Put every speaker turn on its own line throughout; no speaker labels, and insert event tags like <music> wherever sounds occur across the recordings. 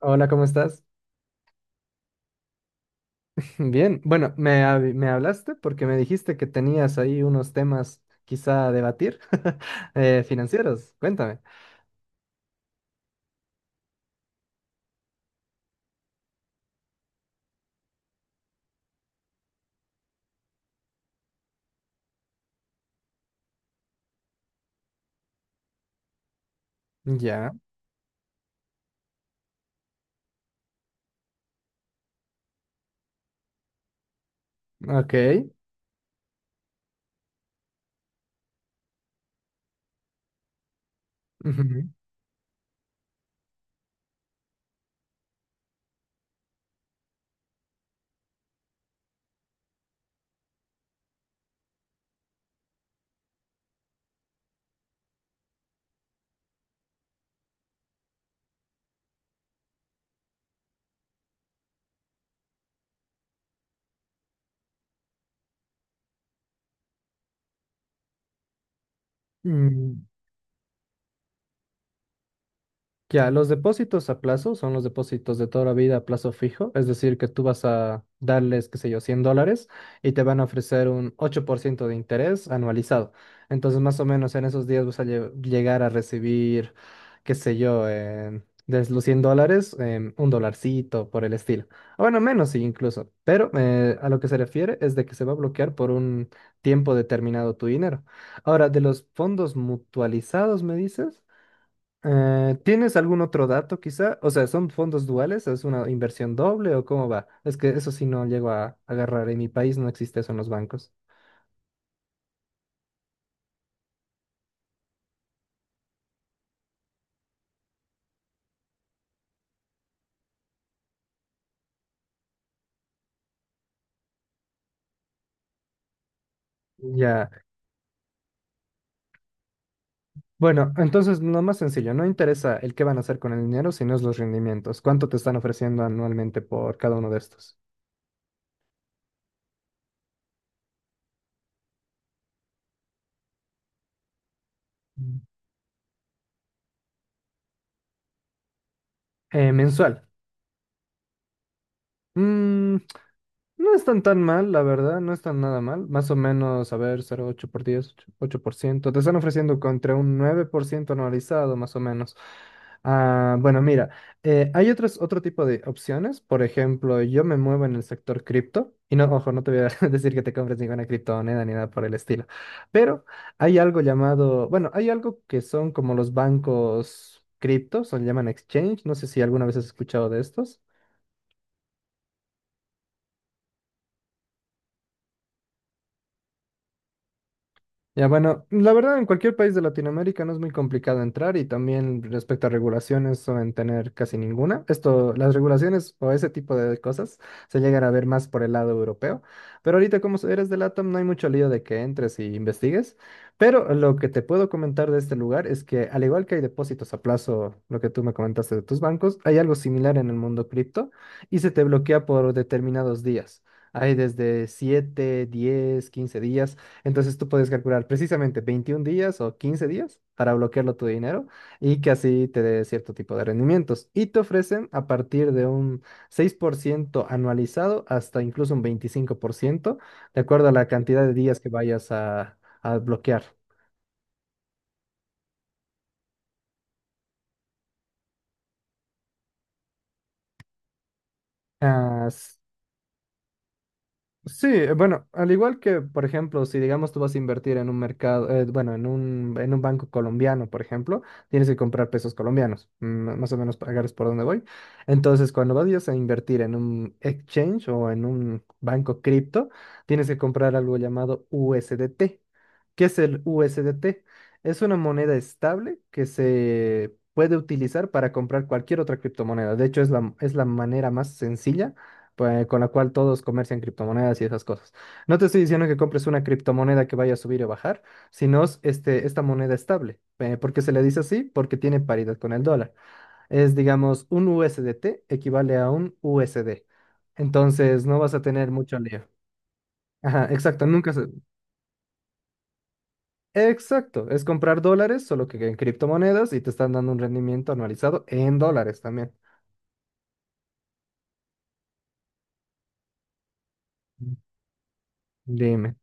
Hola, ¿cómo estás? <laughs> Bien. Bueno, me hablaste porque me dijiste que tenías ahí unos temas quizá a debatir <laughs> financieros. Cuéntame. Ya, ok. Ujú. Mm. Ya, los depósitos a plazo son los depósitos de toda la vida a plazo fijo, es decir, que tú vas a darles, qué sé yo, $100 y te van a ofrecer un 8% de interés anualizado. Entonces, más o menos en esos días llegar a recibir, qué sé yo, de los $100, un dolarcito por el estilo. O bueno, menos sí, incluso, pero a lo que se refiere es de que se va a bloquear por un tiempo determinado tu dinero. Ahora, de los fondos mutualizados, ¿me dices? ¿Tienes algún otro dato quizá? O sea, ¿son fondos duales? ¿Es una inversión doble o cómo va? Es que eso sí no llego a agarrar. En mi país no existe eso en los bancos. Ya. Bueno, entonces lo más sencillo, no interesa el qué van a hacer con el dinero, sino es los rendimientos. ¿Cuánto te están ofreciendo anualmente por cada uno de estos? Mm. ¿Mensual? Mm. No están tan mal, la verdad, no están nada mal. Más o menos, a ver, 0,8 por diez, ocho ocho por ciento, te están ofreciendo contra un 9% anualizado, más o menos. Ah, bueno, mira, hay otro tipo de opciones. Por ejemplo, yo me muevo en el sector cripto. Y no, ojo, no te voy a <laughs> decir que te compres ninguna criptomoneda ni nada por el estilo. Pero hay algo llamado, bueno, hay algo que son como los bancos criptos, o le llaman exchange. No sé si alguna vez has escuchado de estos. Ya, bueno, la verdad en cualquier país de Latinoamérica no es muy complicado entrar y también respecto a regulaciones suelen tener casi ninguna. Esto, las regulaciones o ese tipo de cosas se llegan a ver más por el lado europeo, pero ahorita eres del LATAM, no hay mucho lío de que entres y investigues, pero lo que te puedo comentar de este lugar es que al igual que hay depósitos a plazo, lo que tú me comentaste de tus bancos, hay algo similar en el mundo cripto y se te bloquea por determinados días. Hay desde 7, 10, 15 días. Entonces tú puedes calcular precisamente 21 días o 15 días para bloquearlo tu dinero y que así te dé cierto tipo de rendimientos. Y te ofrecen a partir de un 6% anualizado hasta incluso un 25%, de acuerdo a la cantidad de días que vayas a bloquear. Ah, sí, bueno, al igual que, por ejemplo, si digamos tú vas a invertir en un mercado, bueno, en un banco colombiano, por ejemplo, tienes que comprar pesos colombianos, mm, más o menos para agarres por dónde voy. Entonces, cuando vayas a invertir en un exchange o en un banco cripto, tienes que comprar algo llamado USDT. ¿Qué es el USDT? Es una moneda estable que se puede utilizar para comprar cualquier otra criptomoneda. De hecho, es la manera más sencilla pues, con la cual todos comercian criptomonedas y esas cosas. No te estoy diciendo que compres una criptomoneda que vaya a subir o bajar, sino es, este, esta moneda estable. ¿Por qué se le dice así? Porque tiene paridad con el dólar. Es, digamos, un USDT equivale a un USD. Entonces, no vas a tener mucho lío. Ajá, exacto, nunca se... Exacto, es comprar dólares, solo que en criptomonedas y te están dando un rendimiento anualizado en dólares también. Dime.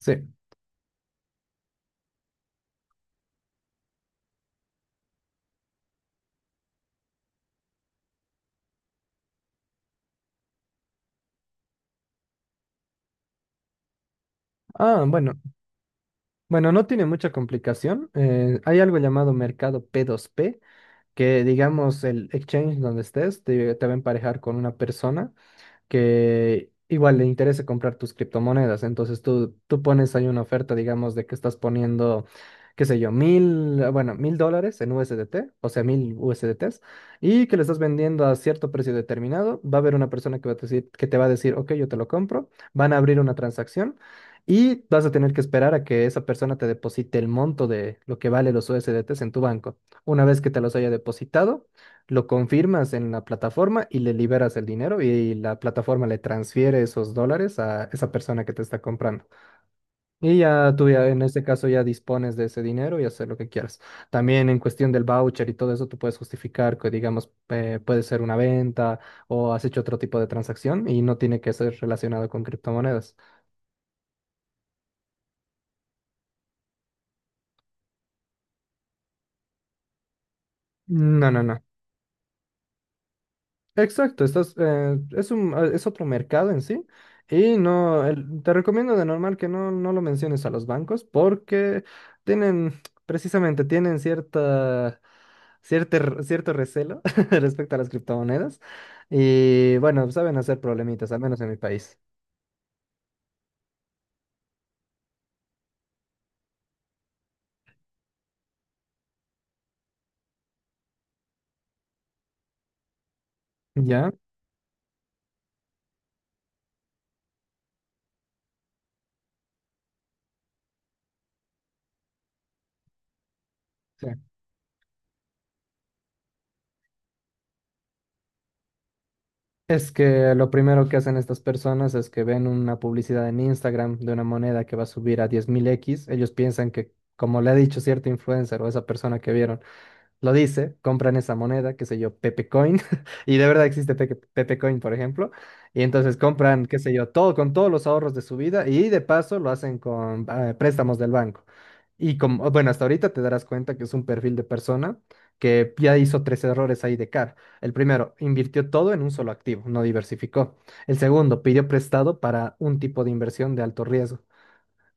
Sí. Ah, bueno. Bueno, no tiene mucha complicación. Hay algo llamado mercado P2P que digamos el exchange donde estés te va a emparejar con una persona que igual le interese comprar tus criptomonedas. Entonces tú pones ahí una oferta, digamos, de que estás poniendo, qué sé yo, $1.000 en USDT, o sea, 1.000 USDTs, y que le estás vendiendo a cierto precio determinado. Va a haber una persona que va a decir, que te va a decir, ok, yo te lo compro. Van a abrir una transacción. Y vas a tener que esperar a que esa persona te deposite el monto de lo que vale los USDTs en tu banco. Una vez que te los haya depositado, lo confirmas en la plataforma y le liberas el dinero y la plataforma le transfiere esos dólares a esa persona que te está comprando. Y ya tú ya en este caso ya dispones de ese dinero y hacer lo que quieras. También en cuestión del voucher y todo eso, tú puedes justificar que digamos puede ser una venta o has hecho otro tipo de transacción y no tiene que ser relacionado con criptomonedas. No, no, no. Exacto, estás, es un, es otro mercado en sí. Y no, te recomiendo de normal que no, no lo menciones a los bancos porque tienen, precisamente, tienen cierto recelo <laughs> respecto a las criptomonedas. Y bueno, saben hacer problemitas, al menos en mi país. ¿Ya? Sí. Es que lo primero que hacen estas personas es que ven una publicidad en Instagram de una moneda que va a subir a 10.000 x. Ellos piensan que, como le ha dicho cierto influencer o esa persona que vieron, lo dice, compran esa moneda, qué sé yo, Pepe Coin, <laughs> y de verdad existe Pepe Coin, por ejemplo, y entonces compran, qué sé yo, todo con todos los ahorros de su vida y de paso lo hacen con préstamos del banco. Y como, bueno, hasta ahorita te darás cuenta que es un perfil de persona que ya hizo tres errores ahí de cara. El primero, invirtió todo en un solo activo, no diversificó. El segundo, pidió prestado para un tipo de inversión de alto riesgo.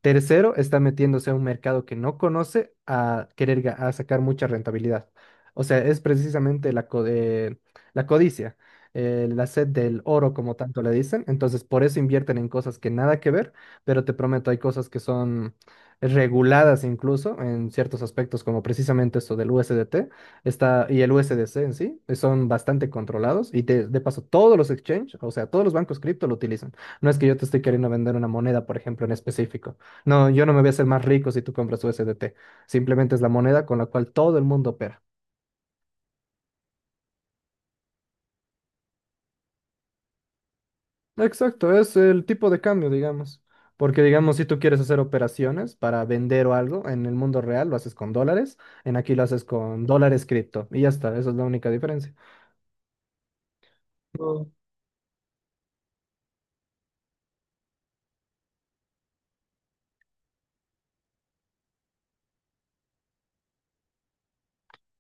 Tercero, está metiéndose a un mercado que no conoce a querer a sacar mucha rentabilidad. O sea, es precisamente la codicia, la sed del oro, como tanto le dicen. Entonces, por eso invierten en cosas que nada que ver, pero te prometo, hay cosas que son reguladas incluso en ciertos aspectos, como precisamente esto del USDT está, y el USDC en sí, son bastante controlados. Y de paso, todos los exchange, o sea, todos los bancos cripto lo utilizan. No es que yo te estoy queriendo vender una moneda, por ejemplo, en específico. No, yo no me voy a hacer más rico si tú compras U S D T. Simplemente es la moneda con la cual todo el mundo opera. Exacto, es el tipo de cambio, digamos. Porque, digamos, si tú quieres hacer operaciones para vender o algo en el mundo real, lo haces con dólares. En aquí lo haces con dólares cripto. Y ya está, esa es la única diferencia.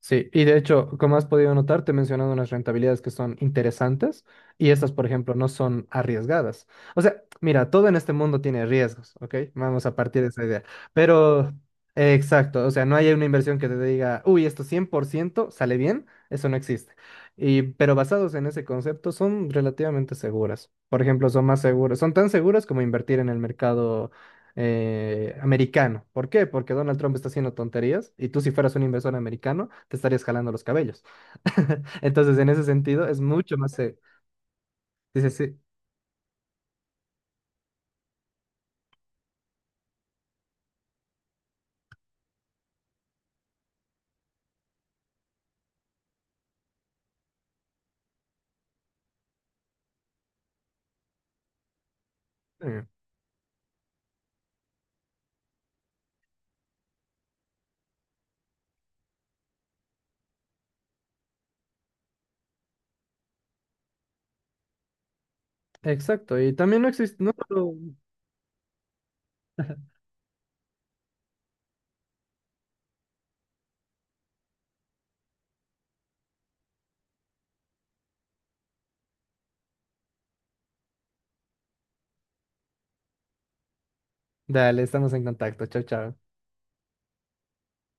Sí, y de hecho, como has podido notar, te he mencionado unas rentabilidades que son interesantes y estas, por ejemplo, no son arriesgadas. O sea, mira, todo en este mundo tiene riesgos, ¿ok? Vamos a partir de esa idea. Pero, exacto, o sea, no hay una inversión que te diga, uy, esto 100% sale bien, eso no existe. Y, pero basados en ese concepto, son relativamente seguras. Por ejemplo, son más seguras, son tan seguras como invertir en el mercado americano. ¿Por qué? Porque Donald Trump está haciendo tonterías y tú si fueras un inversor americano te estarías jalando los cabellos. <laughs> Entonces, en ese sentido, es mucho más... se- Dice, sí, sí, eh, exacto. Y también no existe... No, no- Dale, estamos en contacto. Chao, chao.